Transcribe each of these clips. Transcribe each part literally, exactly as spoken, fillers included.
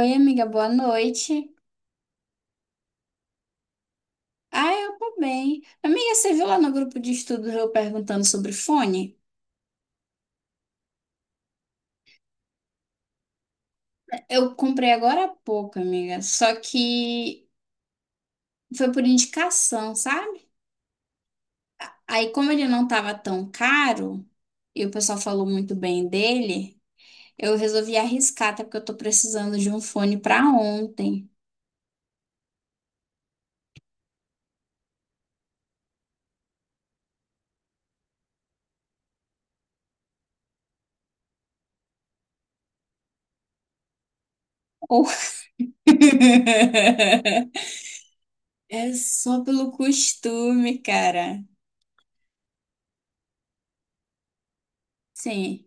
Oi, amiga, boa noite. Ah, eu tô bem. Amiga, você viu lá no grupo de estudos eu perguntando sobre fone? Eu comprei agora há pouco, amiga, só que foi por indicação, sabe? Aí, como ele não tava tão caro e o pessoal falou muito bem dele, eu resolvi arriscar, até porque eu tô precisando de um fone pra ontem. Ou- É só pelo costume, cara. Sim.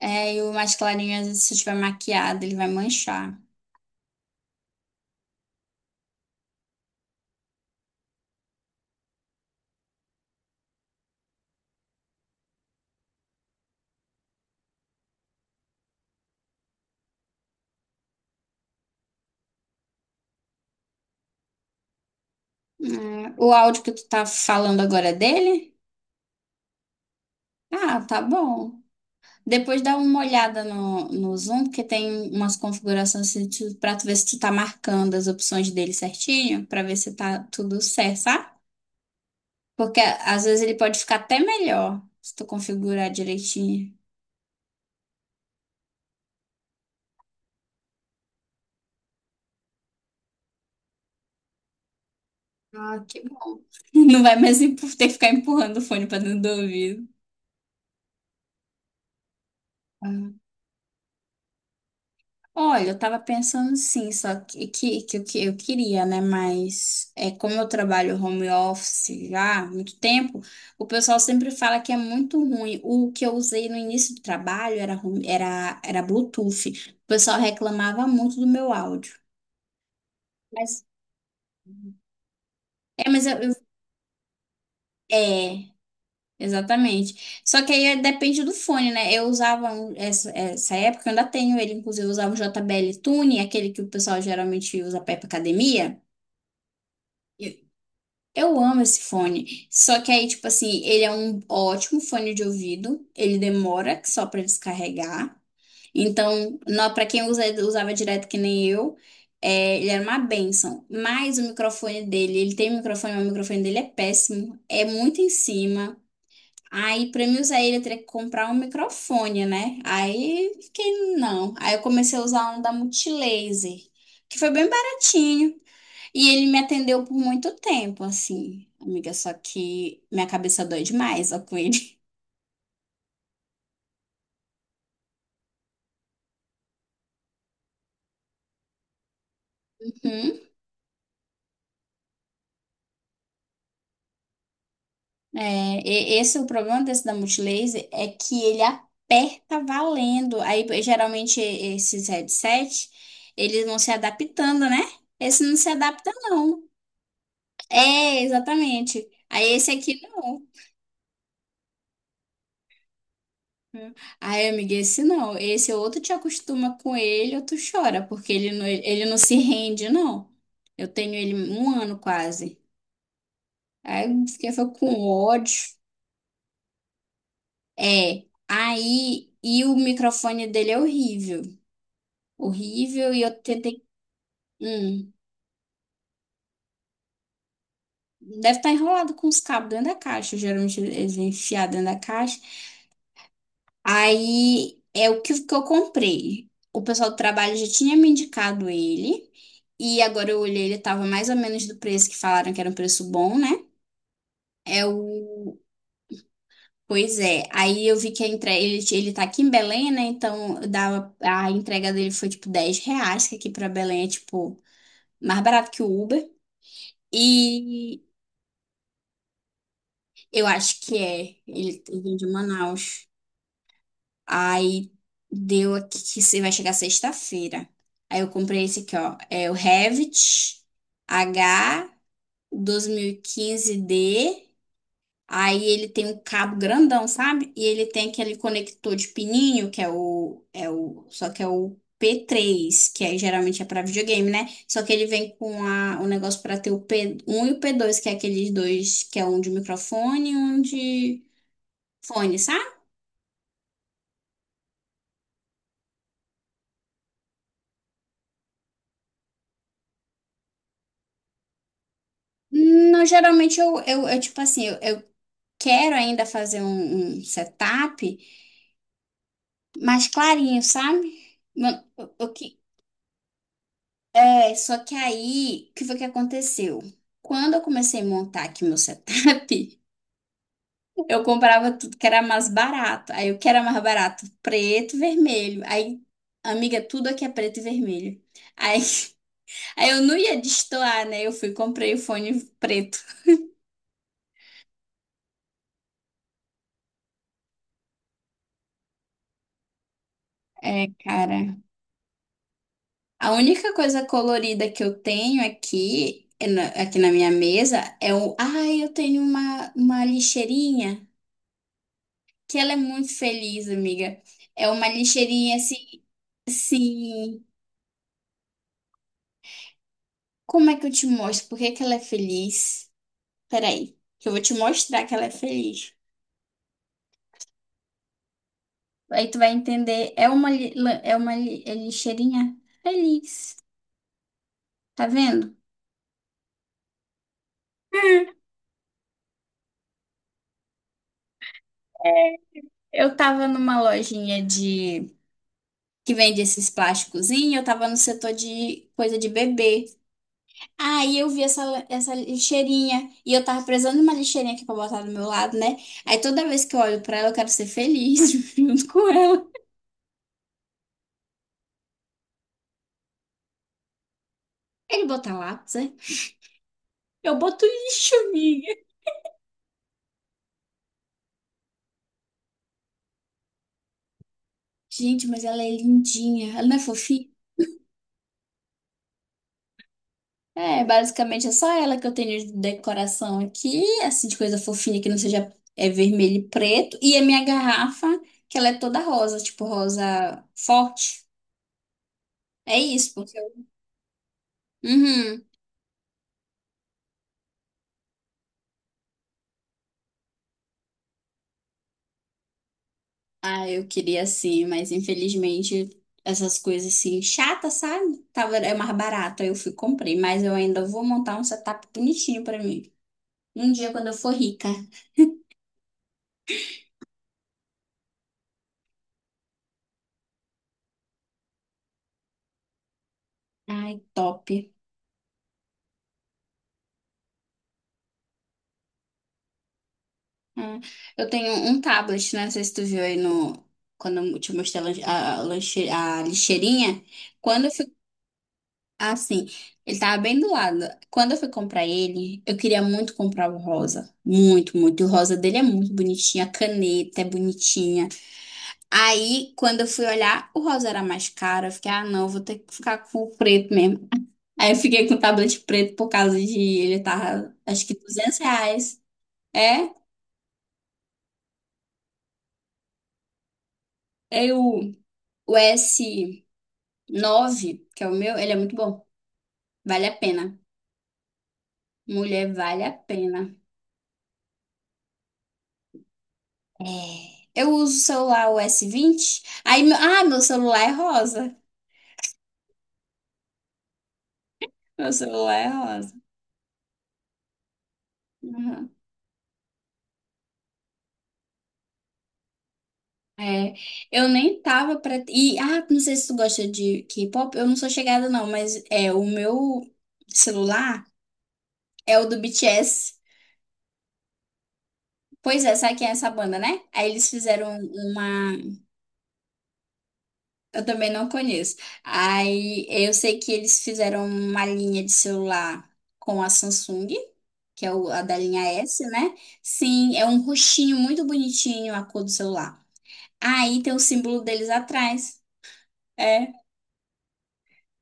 É, e o mais clarinho, às vezes, se estiver maquiado, ele vai manchar. É, o áudio que tu tá falando agora é dele? Ah, tá bom. Depois dá uma olhada no, no Zoom, porque tem umas configurações assim, tu- pra tu ver se tu tá marcando as opções dele certinho, pra ver se tá tudo certo, sabe? Porque às vezes ele pode ficar até melhor, se tu configurar direitinho. Ah, que bom. Não vai mais empu- ter que ficar empurrando o fone pra dentro do ouvido. Olha, eu tava pensando sim, só que, que, que, eu que eu queria, né? Mas é como eu trabalho home office já há muito tempo, o pessoal sempre fala que é muito ruim. O que eu usei no início do trabalho era, home- era, era Bluetooth. O pessoal reclamava muito do meu áudio. Mas é, mas eu, eu- é, exatamente. Só que aí é- depende do fone, né? Eu usava um- essa, essa época, eu ainda tenho ele, inclusive, eu usava o J B L Tune, aquele que o pessoal geralmente usa pra ir pra academia. Eu amo esse fone. Só que aí, tipo assim, ele é um ótimo fone de ouvido. Ele demora só pra descarregar. Então, nó- pra quem usa- usava direto que nem eu, é, ele era uma bênção. Mas o microfone dele, ele tem um microfone, mas o microfone dele é péssimo. É muito em cima. Aí, pra mim usar ele, eu teria que comprar um microfone, né? Aí, fiquei, não. Aí eu comecei a usar um da Multilaser, que foi bem baratinho. E ele me atendeu por muito tempo, assim, amiga, só que minha cabeça dói demais, ó, com ele. Uhum. É, e- esse é o problema desse da Multilaser, é que ele aperta valendo. Aí, geralmente, esses headset, eles vão se adaptando, né? Esse não se adapta, não. É, exatamente. Aí, esse aqui, não. Aí, amiga, esse não. Esse ou tu te acostuma com ele ou tu chora, porque ele não, ele não se rende, não. Eu tenho ele um ano quase. Aí esqueceu com ódio. É. Aí, e o microfone dele é horrível. Horrível, e eu tentei. Hum, deve estar enrolado com os cabos dentro da caixa. Geralmente eles vêm enfiados dentro da caixa. Aí é o que, que eu comprei. O pessoal do trabalho já tinha me indicado ele. E agora eu olhei, ele tava mais ou menos do preço que falaram que era um preço bom, né? É o Pois é, aí eu vi que a entrega, ele, ele tá aqui em Belém, né? Então dava, a entrega dele foi tipo dez reais, que aqui pra Belém é tipo mais barato que o Uber. E eu acho que é, ele vem de Manaus. Aí deu aqui que se vai chegar sexta-feira. Aí eu comprei esse aqui, ó. É o Revit H dois mil e quinze d. Aí ele tem um cabo grandão, sabe? E ele tem aquele conector de pininho, que é o, é o, só que é o p três que aí geralmente é para videogame, né? Só que ele vem com a, o negócio para ter o p um e o p dois que é aqueles dois, que é um de microfone e um de fone, sabe? Não, geralmente eu, eu, eu, tipo assim, eu, eu quero ainda fazer um, um setup mais clarinho, sabe? Mano, eu, eu, É, só que aí, o que foi que aconteceu? Quando eu comecei a montar aqui meu setup, eu comprava tudo que era mais barato. Aí o que era mais barato? Preto, vermelho. Aí, amiga, tudo aqui é preto e vermelho. Aí, aí eu não ia destoar, né? Eu fui e comprei o fone preto. É, cara. A única coisa colorida que eu tenho aqui, é na- aqui na minha mesa, é o. Ai, eu tenho uma, uma lixeirinha. Que ela é muito feliz, amiga. É uma lixeirinha assim, assim. Como é que eu te mostro? Por que que ela é feliz? Peraí, que eu vou te mostrar que ela é feliz. Aí tu vai entender. É uma, li- la- é uma li- é lixeirinha feliz. Tá vendo? Eu tava numa lojinha de que vende esses plásticozinhos, eu tava no setor de coisa de bebê. Aí eu vi essa, essa lixeirinha e eu tava precisando de uma lixeirinha aqui pra botar do meu lado, né? Aí toda vez que eu olho pra ela, eu quero ser feliz junto com ela. Ele bota lápis, né? Eu boto lixo, minha. Gente, mas ela é lindinha. Ela não é fofinha? É, basicamente é só ela que eu tenho de decoração aqui, assim, de coisa fofinha que não seja é vermelho e preto. E a minha garrafa, que ela é toda rosa, tipo rosa forte. É isso, porque eu. Uhum. Ah, eu queria sim, mas infelizmente essas coisas assim, chatas, sabe? Tava, é mais barato, aí eu fui e comprei, mas eu ainda vou montar um setup bonitinho pra mim. Um dia quando eu for rica. Ai, top. Ah, eu tenho um tablet, né? Não sei se tu viu aí no. Quando eu te mostrei a, lan- a, a lanche- a lixeirinha. Quando eu fui. Assim, ele tava bem do lado. Quando eu fui comprar ele, eu queria muito comprar o rosa. Muito, muito. E o rosa dele é muito bonitinho. A caneta é bonitinha. Aí, quando eu fui olhar, o rosa era mais caro. Eu fiquei, ah, não, vou ter que ficar com o preto mesmo. Aí eu fiquei com o tablet preto por causa de ele tava, acho que duzentos reais. É, aí o, o S nove, que é o meu, ele é muito bom. Vale a pena. Mulher, vale a pena. É. Eu uso o celular o S vinte. Aí, meu, ah, meu celular é rosa. Meu celular é rosa. Uhum. É, eu nem tava pra. E, ah, não sei se tu gosta de K-pop, eu não sou chegada não, mas é, o meu celular é o do B T S. Pois é, sabe quem é essa banda, né? Aí eles fizeram uma. Eu também não conheço. Aí eu sei que eles fizeram uma linha de celular com a Samsung, que é o- a da linha S, né? Sim, é um roxinho muito bonitinho a cor do celular. Aí tem o símbolo deles atrás. É.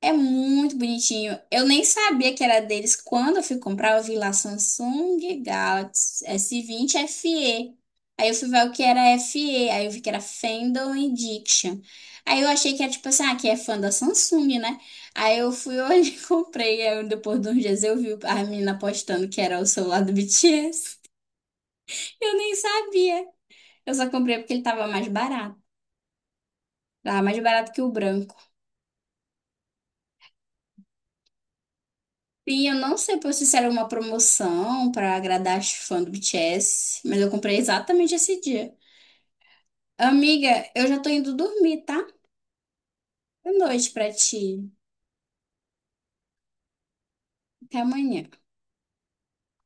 É muito bonitinho. Eu nem sabia que era deles. Quando eu fui comprar, eu vi lá Samsung Galaxy S vinte F E. Aí eu fui ver o que era F E. Aí eu vi que era Fandom Edition. Aí eu achei que era tipo assim, ah, que é fã da Samsung, né? Aí eu fui hoje e comprei. Aí depois de uns dias eu vi a menina postando que era o celular do B T S. Eu nem sabia. Eu só comprei porque ele tava mais barato. Tava mais barato que o branco. Sim, eu não sei se isso era uma promoção para agradar as fãs do B T S, mas eu comprei exatamente esse dia. Amiga, eu já tô indo dormir, tá? Boa noite pra ti. Até amanhã.